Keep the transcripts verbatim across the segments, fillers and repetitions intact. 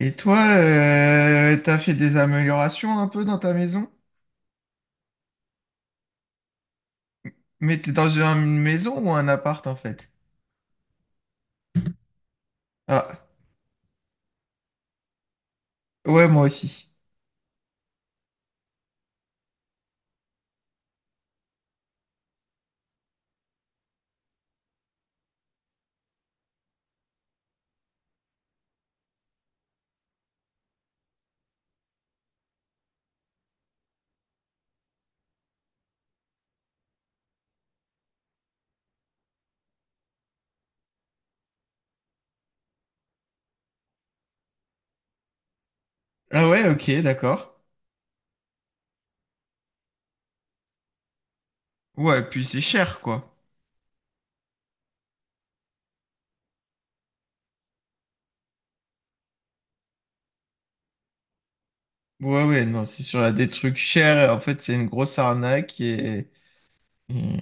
Et toi, euh, t'as fait des améliorations un peu dans ta maison? Mais t'es dans une maison ou un appart en fait? Ah, ouais, moi aussi. Ah ouais, ok, d'accord. Ouais, puis c'est cher quoi. Ouais, ouais, non, c'est sûr, il y a des trucs chers. En fait, c'est une grosse arnaque et... Hmm.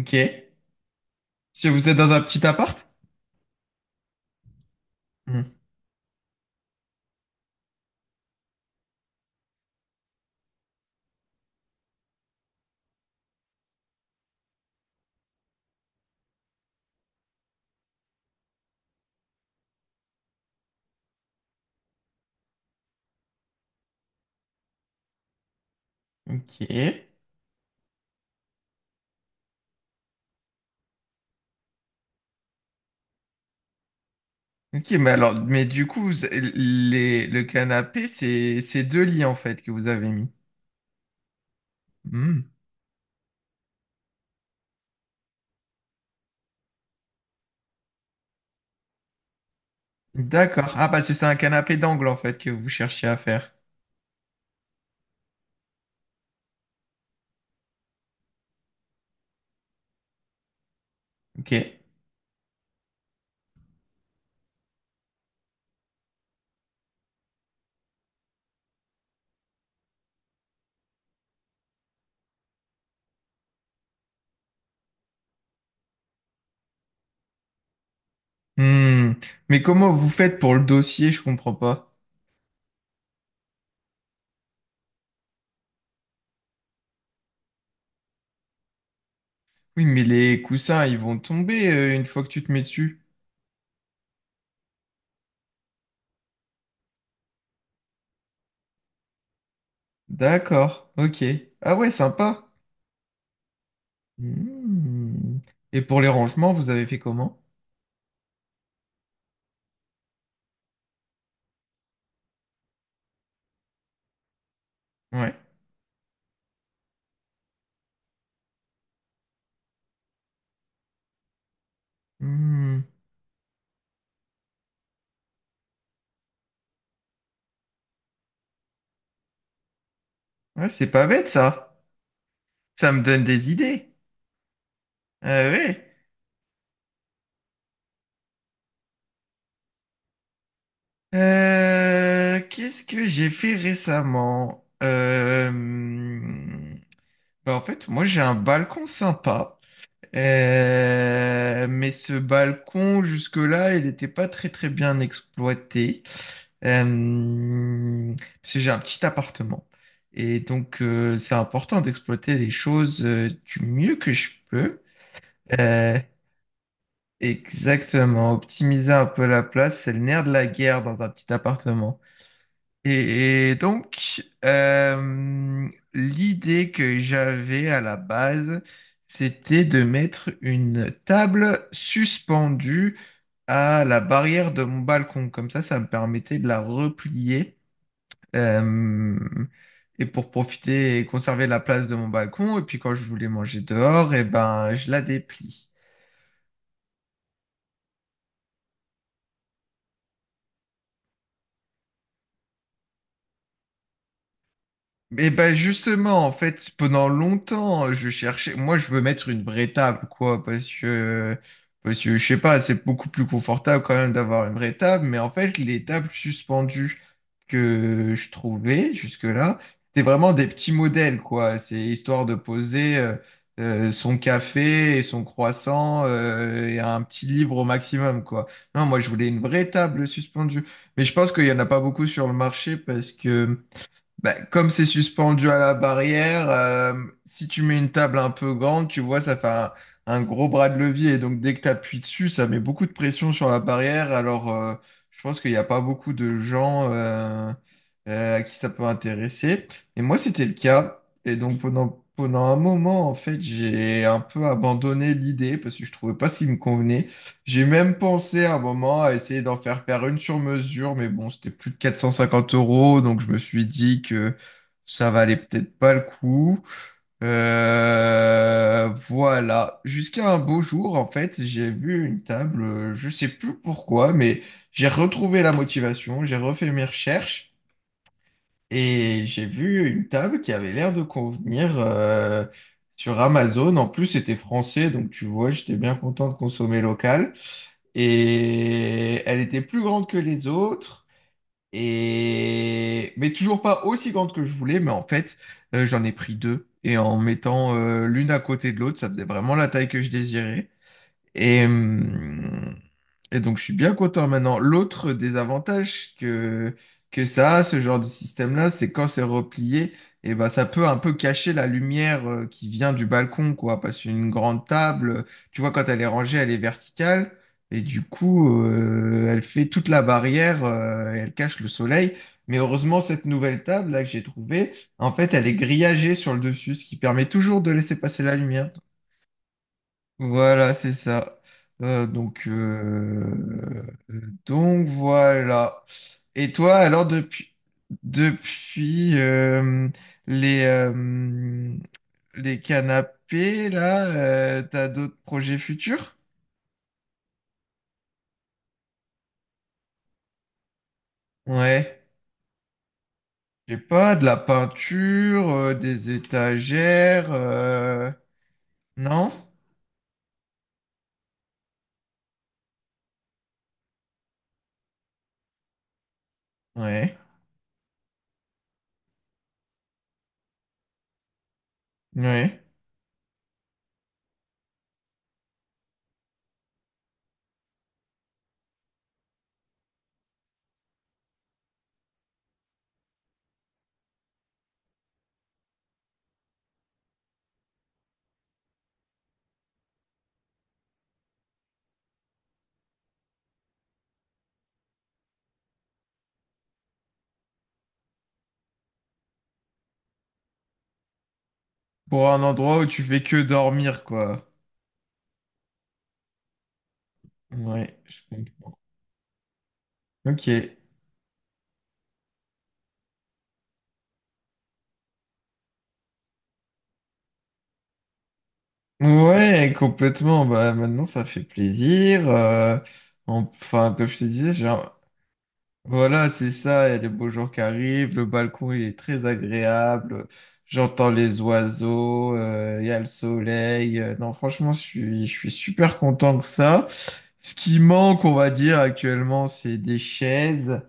Ok. Si vous êtes dans un petit appart? Hmm. Ok. Ok, mais alors, mais du coup, vous- les, le canapé, c'est c'est deux lits en fait que vous avez mis. Hmm. D'accord. Ah, parce que c'est un canapé d'angle, en fait, que vous cherchez à faire. Ok. Hmm. Mais comment vous faites pour le dossier? Je comprends pas. Oui, mais les coussins, ils vont tomber euh, une fois que tu te mets dessus. D'accord. Ok. Ah ouais, sympa. Hmm. Et pour les rangements, vous avez fait comment? Ouais. Hmm. Ouais, c'est pas bête, ça. Ça me donne des idées. Ah ouais. Euh, qu'est-ce que j'ai fait récemment? Euh... hmm. Bah, en fait, moi j'ai un balcon sympa. Euh, mais ce balcon jusque-là, il n'était pas très très bien exploité, Euh, parce que j'ai un petit appartement. Et donc euh, c'est important d'exploiter les choses euh, du mieux que je peux. Euh, exactement, optimiser un peu la place, c'est le nerf de la guerre dans un petit appartement. Et, et donc, euh, l'idée que j'avais à la base, c'était de mettre une table suspendue à la barrière de mon balcon. Comme ça, ça me permettait de la replier euh, et pour profiter et conserver la place de mon balcon. Et puis quand je voulais manger dehors, et ben, je la déplie. Mais bah justement, en fait, pendant longtemps, euh, je cherchais. Moi, je veux mettre une vraie table, quoi, parce que, parce que je sais pas, c'est beaucoup plus confortable quand même d'avoir une vraie table. Mais en fait, les tables suspendues que je trouvais jusque-là, c'était vraiment des petits modèles, quoi. C'est histoire de poser euh, euh, son café et son croissant euh, et un petit livre au maximum, quoi. Non, moi, je voulais une vraie table suspendue. Mais je pense qu'il y en a pas beaucoup sur le marché parce que bah, comme c'est suspendu à la barrière, euh, si tu mets une table un peu grande, tu vois, ça fait un, un gros bras de levier. Et donc, dès que tu appuies dessus, ça met beaucoup de pression sur la barrière. Alors, euh, je pense qu'il n'y a pas beaucoup de gens euh, euh, à qui ça peut intéresser. Et moi, c'était le cas. Et donc, pendant, pendant un moment, en fait, j'ai un peu abandonné l'idée parce que je trouvais pas s'il me convenait. J'ai même pensé à un moment à essayer d'en faire faire une sur mesure, mais bon, c'était plus de quatre cent cinquante euros, donc je me suis dit que ça valait peut-être pas le coup. Euh, voilà. Jusqu'à un beau jour, en fait, j'ai vu une table, euh, je sais plus pourquoi, mais j'ai retrouvé la motivation, j'ai refait mes recherches et j'ai vu une table qui avait l'air de convenir euh, sur Amazon. En plus, c'était français, donc tu vois, j'étais bien content de consommer local. Et elle était plus grande que les autres, et... mais toujours pas aussi grande que je voulais. Mais en fait, euh, j'en ai pris deux. Et en mettant euh, l'une à côté de l'autre, ça faisait vraiment la taille que je désirais. Et, hum, et donc, je suis bien content maintenant. L'autre désavantage que, que ça a, ce genre de système-là, c'est quand c'est replié, et ben, ça peut un peu cacher la lumière euh, qui vient du balcon, quoi. Parce qu'une grande table, tu vois, quand elle est rangée, elle est verticale. Et du coup, euh, elle fait toute la barrière, euh, et elle cache le soleil. Mais heureusement, cette nouvelle table là que j'ai trouvée, en fait, elle est grillagée sur le dessus, ce qui permet toujours de laisser passer la lumière. Voilà, c'est ça. Euh, donc, euh, donc voilà. Et toi, alors depuis depuis euh, les euh, les canapés là, euh, t'as d'autres projets futurs? Ouais. J'ai pas de la peinture, euh, des étagères, euh, non? Ouais. Ouais. Pour un endroit où tu fais que dormir, quoi. Ouais, je comprends. Ok. Ouais, complètement. Bah, maintenant, ça fait plaisir. euh, en- enfin, comme je te disais, genre, voilà, c'est ça. Il y a les beaux jours qui arrivent. Le balcon, il est très agréable. J'entends les oiseaux. euh, Il y a le soleil. euh, non, franchement, je suis, je suis super content que ça. Ce qui manque, on va dire, actuellement, c'est des chaises.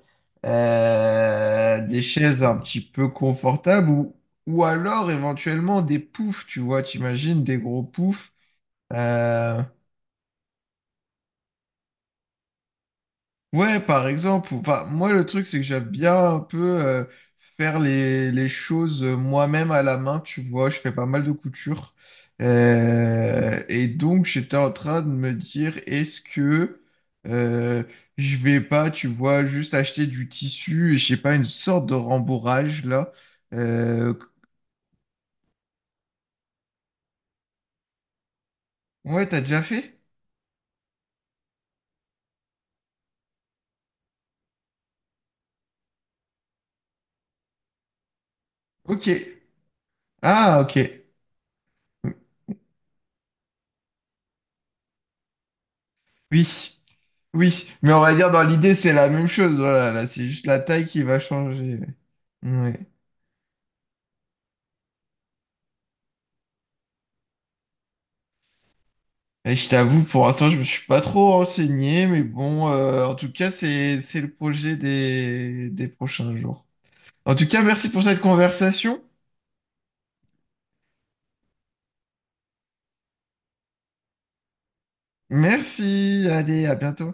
euh, des chaises un petit peu confortables ou, ou alors éventuellement des poufs, tu vois. T'imagines des gros poufs euh, ouais, par exemple, enfin, moi le truc c'est que j'aime bien un peu euh, faire les, les choses euh, moi-même à la main, tu vois, je fais pas mal de couture. Euh, et donc j'étais en train de me dire, est-ce que euh, je vais pas, tu vois, juste acheter du tissu et je sais pas, une sorte de rembourrage là. Euh, ouais, t'as déjà fait? Ok. Ah, ok. Oui. Oui, mais on va dire dans l'idée, c'est la même chose. Voilà, là, c'est juste la taille qui va changer. Ouais. Et je t'avoue, pour l'instant, je me suis pas trop renseigné, mais bon, euh, en tout cas, c'est c'est le projet des des prochains jours. En tout cas, merci pour cette conversation. Merci. Allez, à bientôt.